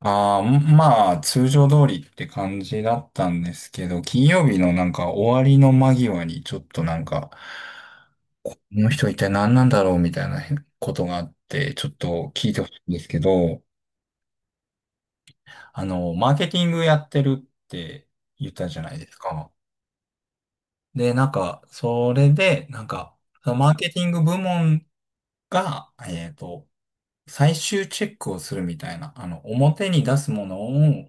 ああ、まあ、通常通りって感じだったんですけど、金曜日のなんか終わりの間際にちょっとなんか、この人一体何なんだろうみたいなことがあって、ちょっと聞いてほしいんですけど、マーケティングやってるって言ったじゃないですか。で、なんか、それで、なんか、そのマーケティング部門が、最終チェックをするみたいな、表に出すものを、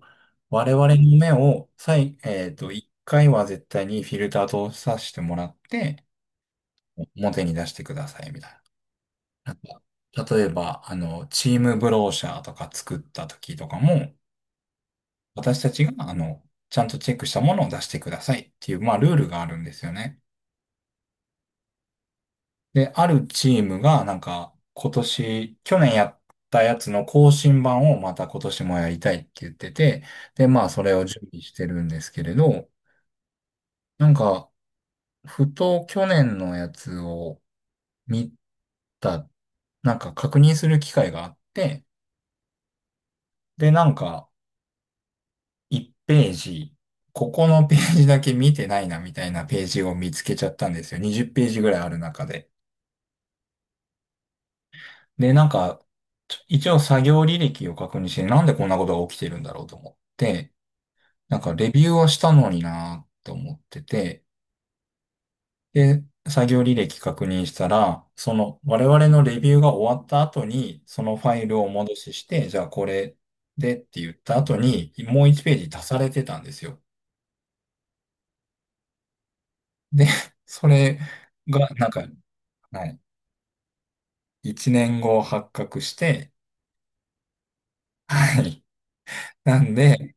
我々の目を、最、えっと、一回は絶対にフィルターとさせてもらって、表に出してください、みたいな。なんか、例えば、チームブローシャーとか作った時とかも、私たちが、ちゃんとチェックしたものを出してくださいっていう、まあ、ルールがあるんですよね。で、あるチームが、なんか、今年、去年やったやつの更新版をまた今年もやりたいって言ってて、で、まあ、それを準備してるんですけれど、なんか、ふと去年のやつを見た、なんか確認する機会があって、で、なんか、1ページ、ここのページだけ見てないなみたいなページを見つけちゃったんですよ。20ページぐらいある中で。で、なんか、一応作業履歴を確認して、なんでこんなことが起きてるんだろうと思って、なんかレビューはしたのになーって思ってて、で、作業履歴確認したら、その我々のレビューが終わった後に、そのファイルをお戻しして、じゃあこれでって言った後に、もう1ページ足されてたんですよ。で、それが、なんか、はい、1年後発覚して、はい。なんで、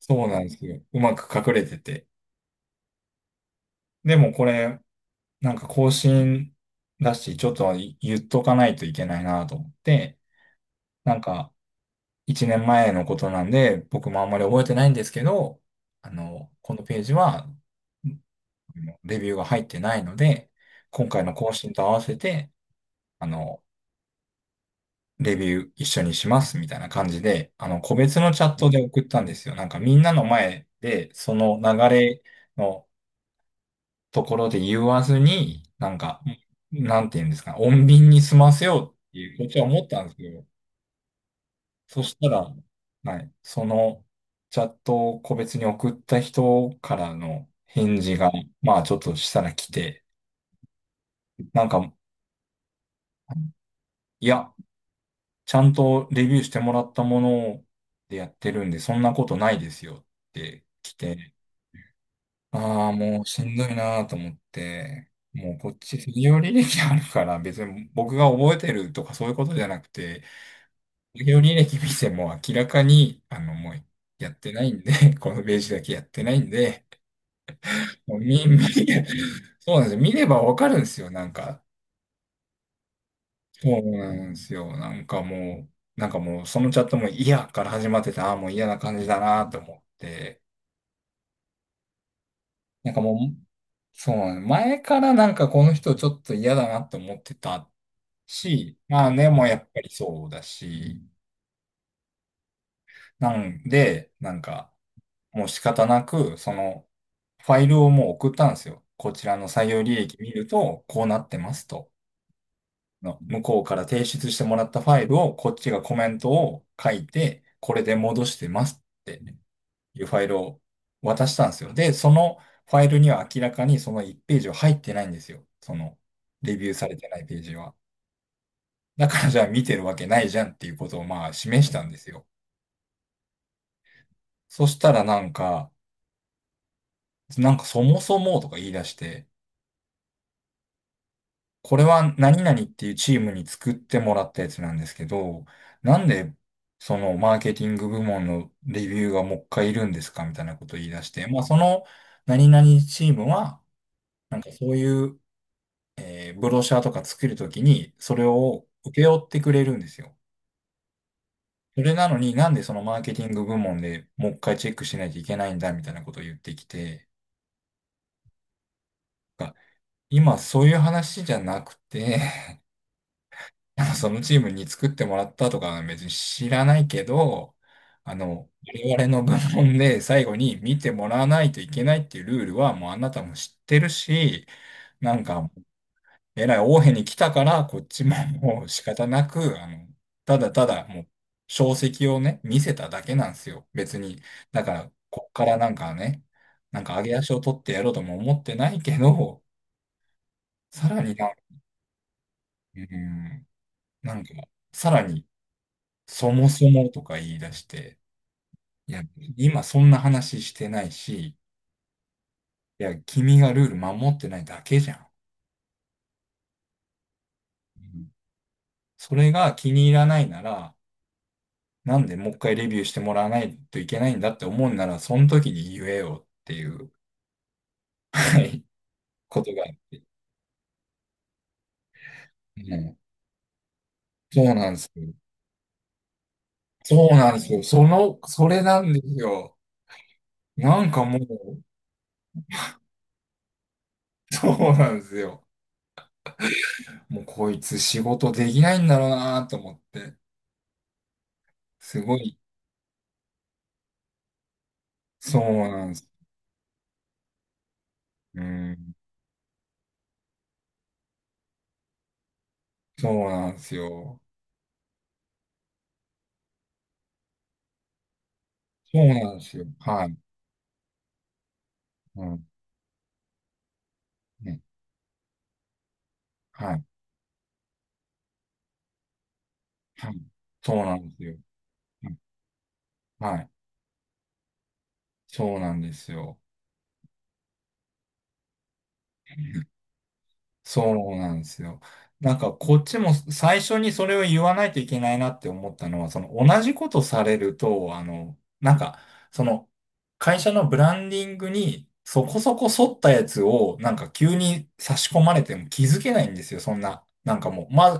そうなんですよ。うまく隠れてて。でもこれ、なんか更新だし、ちょっと言っとかないといけないなと思って、なんか1年前のことなんで、僕もあんまり覚えてないんですけど、このページは、レビューが入ってないので、今回の更新と合わせて、あの、レビュー一緒にしますみたいな感じで、個別のチャットで送ったんですよ。なんかみんなの前で、その流れのところで言わずに、なんか、なんて言うんですか、穏便に済ませようっていうこっちは思ったんですけど、そしたら、はい、そのチャットを個別に送った人からの返事が、まあちょっとしたら来て、なんか、いや、ちゃんとレビューしてもらったものでやってるんで、そんなことないですよって来て、ああ、もうしんどいなと思って、もうこっち企業履歴あるから、別に僕が覚えてるとかそういうことじゃなくて、企業履歴見ても明らかに、もうやってないんで、このページだけやってないんで、もう見、見、そうなんですよ。見ればわかるんですよ、なんか。そうなんですよ。なんかもう、なんかもうそのチャットも嫌から始まってた、ああ、もう嫌な感じだなと思って、なんかもう、そう前からなんかこの人ちょっと嫌だなって思ってたし、まあね、もうやっぱりそうだし、なんで、なんか、もう仕方なく、ファイルをもう送ったんですよ。こちらの採用履歴見ると、こうなってますと。の向こうから提出してもらったファイルを、こっちがコメントを書いて、これで戻してますっていうファイルを渡したんですよ。で、そのファイルには明らかにその1ページは入ってないんですよ。その、レビューされてないページは。だからじゃあ見てるわけないじゃんっていうことをまあ示したんですよ。そしたらなんか、なんかそもそもとか言い出して、これは何々っていうチームに作ってもらったやつなんですけど、なんでそのマーケティング部門のレビューがもう一回いるんですかみたいなことを言い出して、まあその何々チームは、なんかそういう、ブロシャーとか作るときに、それを請け負ってくれるんですよ。それなのになんでそのマーケティング部門でもう一回チェックしないといけないんだみたいなことを言ってきて、が今そういう話じゃなくてなんかそのチームに作ってもらったとかは別に知らないけど、我々の部門で最後に見てもらわないといけないっていうルールはもうあなたも知ってるし、なんか、えらい大変に来たから、こっちももう仕方なく、ただただもう、証跡をね、見せただけなんですよ。別に。だから、こっからなんかね、なんか上げ足を取ってやろうとも思ってないけど、さらにな、うん、なんか、さらにそもそもとか言い出して、いや、今そんな話してないし、いや、君がルール守ってないだけじゃん。うん、それが気に入らないなら、なんでもう一回レビューしてもらわないといけないんだって思うなら、その時に言えよっていうはいことが、うん、そうなんですよ。そうなんですよ。その、それなんですよ。なんかもう、そうなんですよ。もうこいつ仕事できないんだろうなと思って、すごい、そうなんです。うん、そうなんですよ。そうなんですよ。はい。うん。ね。はい。はい。そうなんですよ。はい。はい、そうなんですよ。そうなんですよ。なんかこっちも最初にそれを言わないといけないなって思ったのは、その同じことされると、なんか、その会社のブランディングにそこそこ沿ったやつをなんか急に差し込まれても気づけないんですよ、そんな。なんかもう、まず、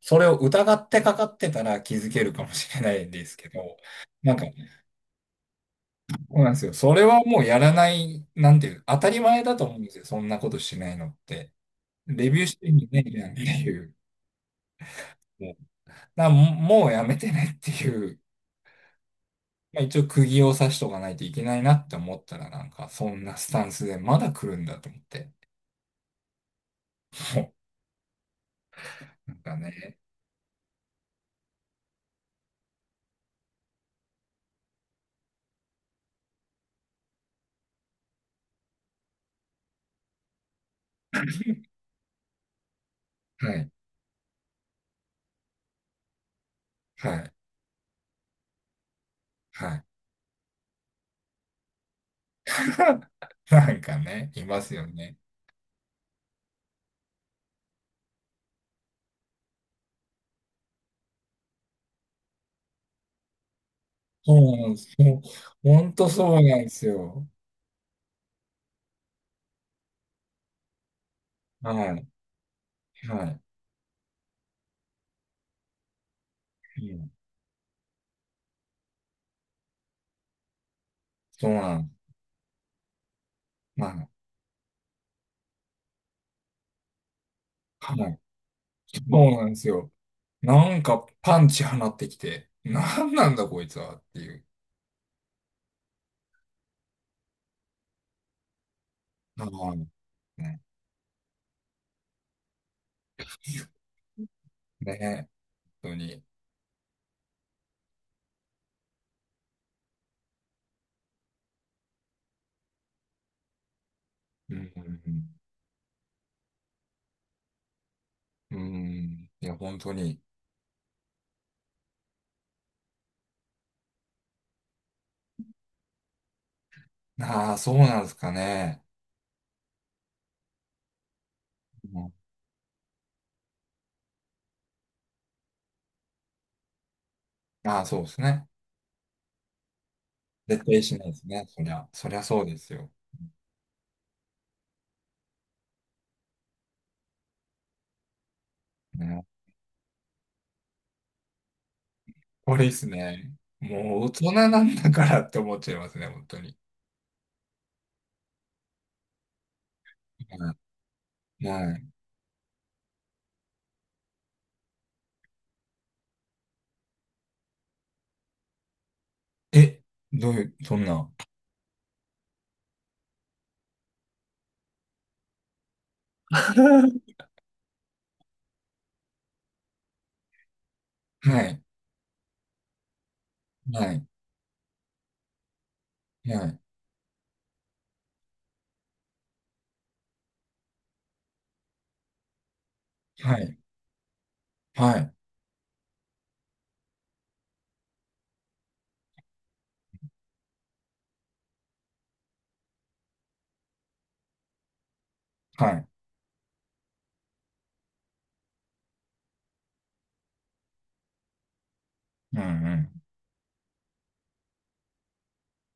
それを疑ってかかってたら気づけるかもしれないんですけど、なんか、そうなんですよ。それはもうやらない、なんていう、当たり前だと思うんですよ、そんなことしないのって。レビューしてみねえじゃんっていう。もう、だからももうやめてねっていう、まあ、一応釘を刺しとかないといけないなって思ったら、なんかそんなスタンスでまだ来るんだと思って。もうなんかね、はい、はい、はい。なんかね、いますよね。そうなんです。そう、ほんとそうなんですよ。はい、はい。うん、そうなん、まあ、はい。そうなんですよ。なんかパンチ放ってきて、なんなんだこいつはっていう。ああ、ね、ね、本当に。うん、うん、うん、うん、いや、本当に。ああ、そうなんですかね。うん、ああ、そうですね。絶対しないですね。そりゃ、そりゃそうですよ。ね、これいいですね。もう大人なんだからって思っちゃいますね、本当に。はい。はい、え、どういう、そんな。はい、はい、はい、はい、はい、はい。うん、うん。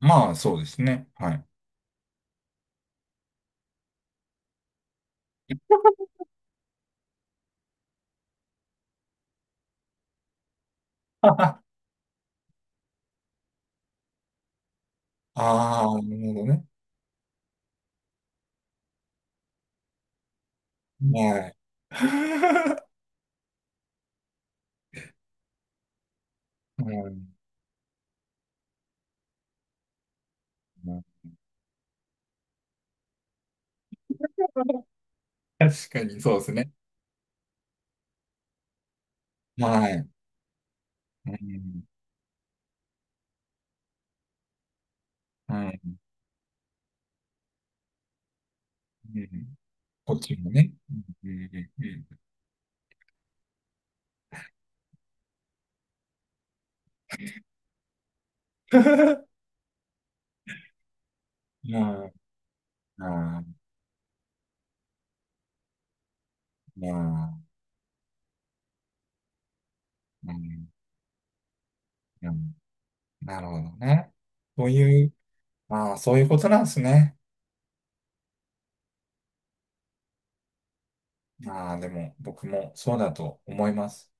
まあ、そうですね。はい。ああ、なるほどね。はい。うん、確かにそうですね。はい。うん、はい。うん、こっちもね。うん、うん、うん。まあ、まあ、まあ、うん、うん。なるほどね。そういう、まあ、そういうことなんですね。まあ、でも、僕もそうだと思います。